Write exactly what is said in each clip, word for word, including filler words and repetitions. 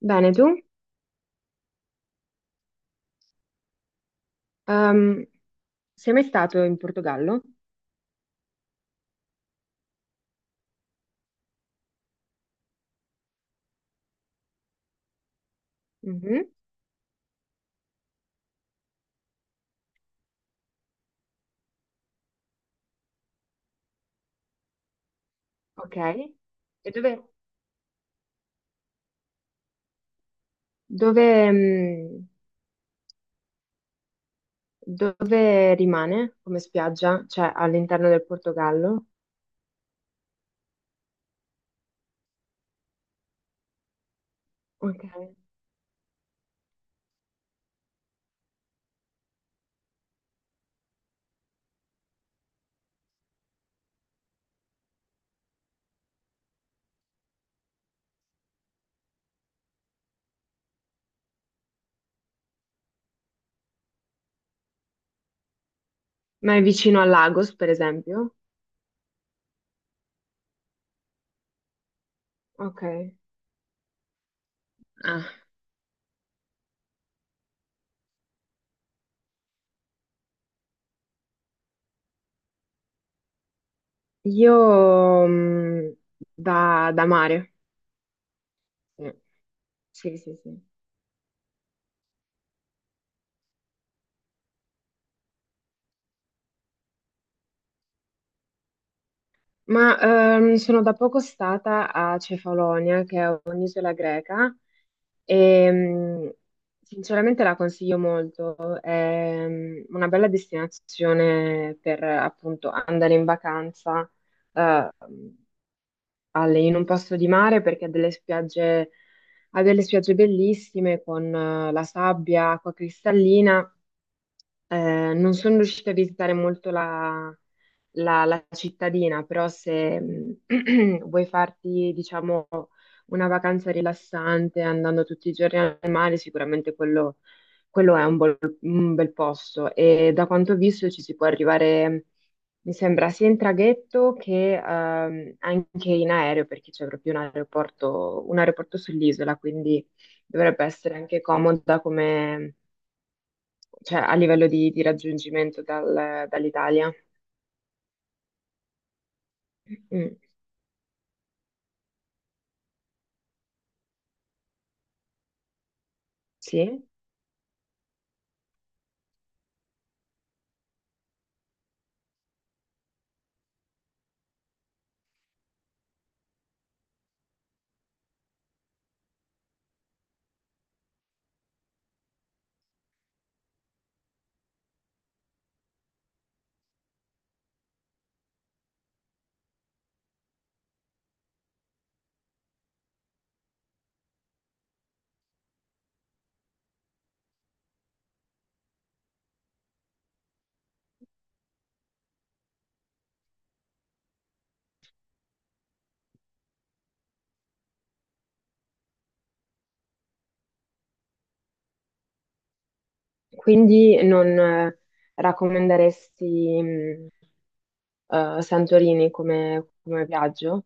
Bene, tu? Ehm, Sei mai stato in Portogallo? Mhm. Ok. E dove, dove, mh, dove rimane come spiaggia? Cioè all'interno del Portogallo? Ok. Ma è vicino a Lagos, per esempio? Ok. Ah. Io mh, da, da mare. Sì, sì, sì, sì. Ma ehm, sono da poco stata a Cefalonia, che è un'isola greca, e mm, sinceramente la consiglio molto. È mm, una bella destinazione per appunto andare in vacanza eh, alle- in un posto di mare perché ha delle spiagge, ha delle spiagge bellissime con eh, la sabbia, acqua cristallina. Eh, non sono riuscita a visitare molto la, la- la cittadina, però se mh, vuoi farti, diciamo, una vacanza rilassante andando tutti i giorni al mare, sicuramente quello, quello è un, bol- un bel posto. E da quanto ho visto ci si può arrivare, mm, mi sembra, sia in traghetto che ehm, anche in aereo, perché c'è proprio un aeroporto, un aeroporto sull'isola, quindi dovrebbe essere anche comoda, cioè a livello di, di raggiungimento dal- dall'Italia. Mm, sì. Quindi non eh, raccomanderesti mm, eh, Santorini come, come viaggio?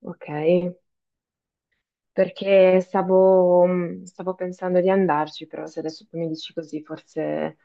Ok, perché stavo, mm, stavo pensando di andarci, però se adesso tu mi dici così, forse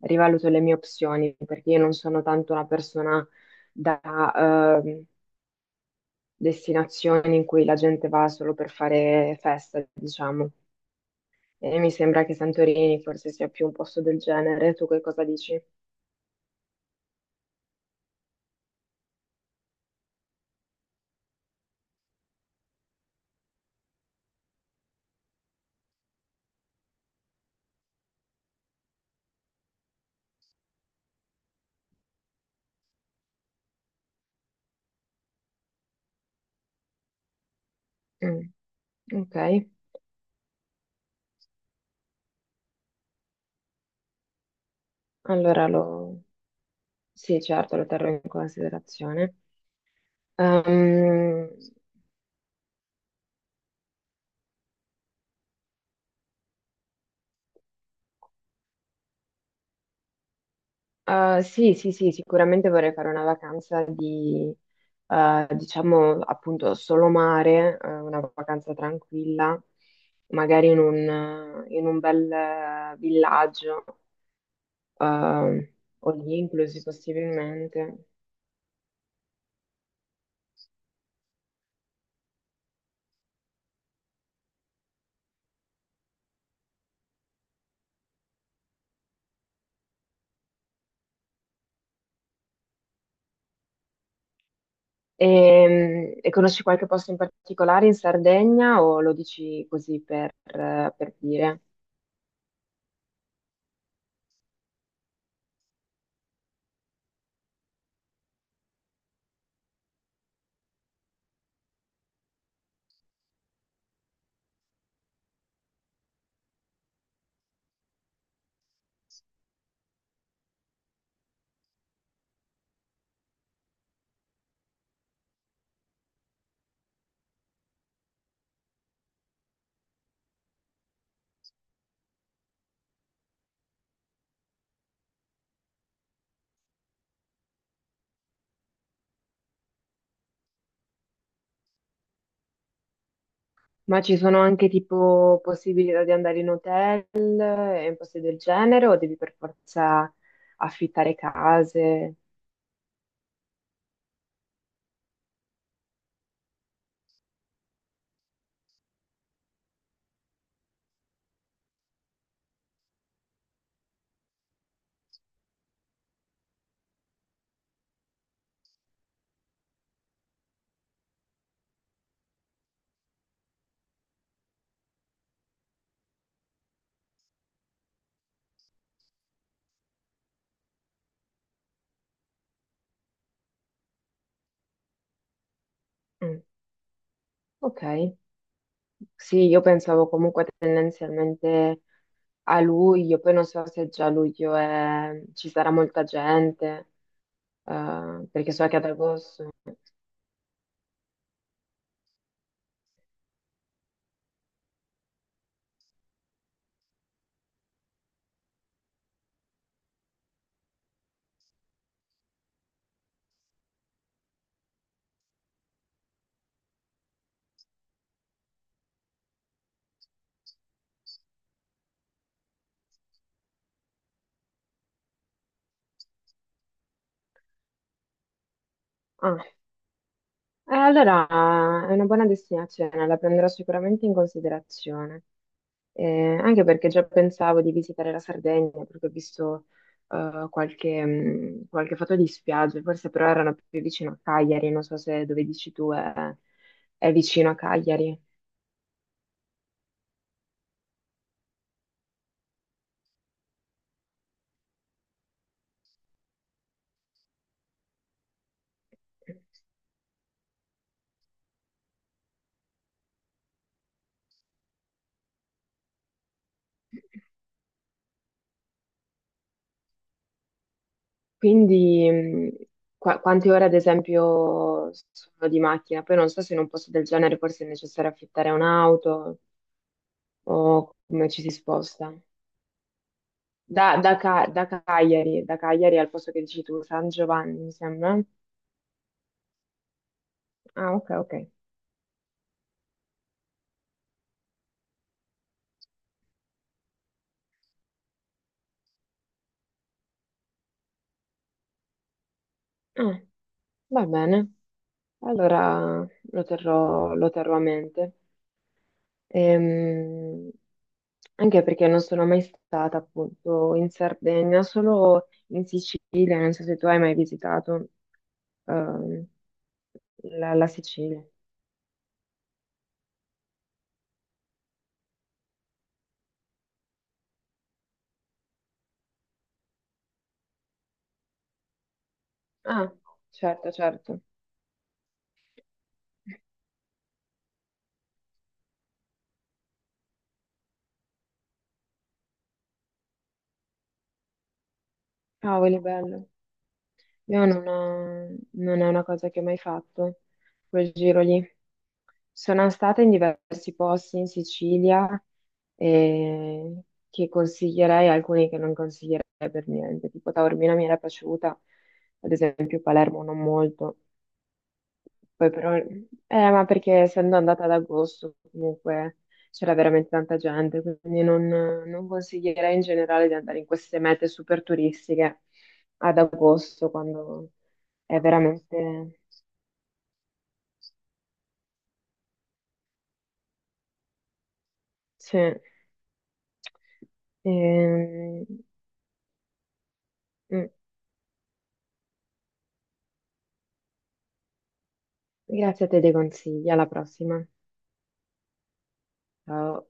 rivaluto le mie opzioni, perché io non sono tanto una persona da eh, destinazioni in cui la gente va solo per fare festa, diciamo. E mi sembra che Santorini forse sia più un posto del genere. Tu che cosa dici? Mm, ok, allora lo... Sì, certo, lo terrò in considerazione. Ehm, eh, sì, sì, sì, sicuramente vorrei fare una vacanza di, eh, diciamo, appunto, solo mare, eh, una vacanza tranquilla, magari in un, in un bel eh, villaggio, ehm, o lì inclusi possibilmente. E, e conosci qualche posto in particolare in Sardegna o lo dici così per, per dire? Ma ci sono anche tipo possibilità di andare in hotel e in posti del genere o devi per forza affittare case? Mm, ok, sì, io pensavo comunque tendenzialmente a luglio, poi non so se già a luglio è- ci sarà molta gente, eh, perché so che ad agosto... Ah. Eh, allora, è una buona destinazione, la prenderò sicuramente in considerazione. Eh, anche perché già pensavo di visitare la Sardegna, perché ho visto eh, qualche, mh, qualche foto di spiagge, forse però erano più vicino a Cagliari, non so se dove dici tu è, è vicino a Cagliari. Quindi, mh, qua- quante ore ad esempio sono di macchina? Poi non so se in un posto del genere forse è necessario affittare un'auto o come ci si sposta. Da, da Ca- da Cagliari, da Cagliari al posto che dici tu, San Giovanni, mi sembra. Ah, ok, ok. Ah, va bene. Allora lo terrò, lo terrò a mente. Ehm, anche perché non sono mai stata appunto in Sardegna, solo in Sicilia. Non so se tu hai mai visitato ehm, la, la Sicilia. Ah, certo, certo. Cavoli, bello. Io non, ho- non è una cosa che ho mai fatto, quel giro lì. Sono stata in diversi posti in Sicilia eh, che consiglierei, alcuni che non consiglierei per niente, tipo Taormina mi era piaciuta, ad esempio Palermo non molto, poi però, eh, ma perché essendo andata ad agosto comunque c'era veramente tanta gente, quindi non, non consiglierei in generale di andare in queste mete super turistiche ad agosto quando è veramente... Sì. Ehm, mm. Grazie a te dei consigli, alla prossima. Ciao.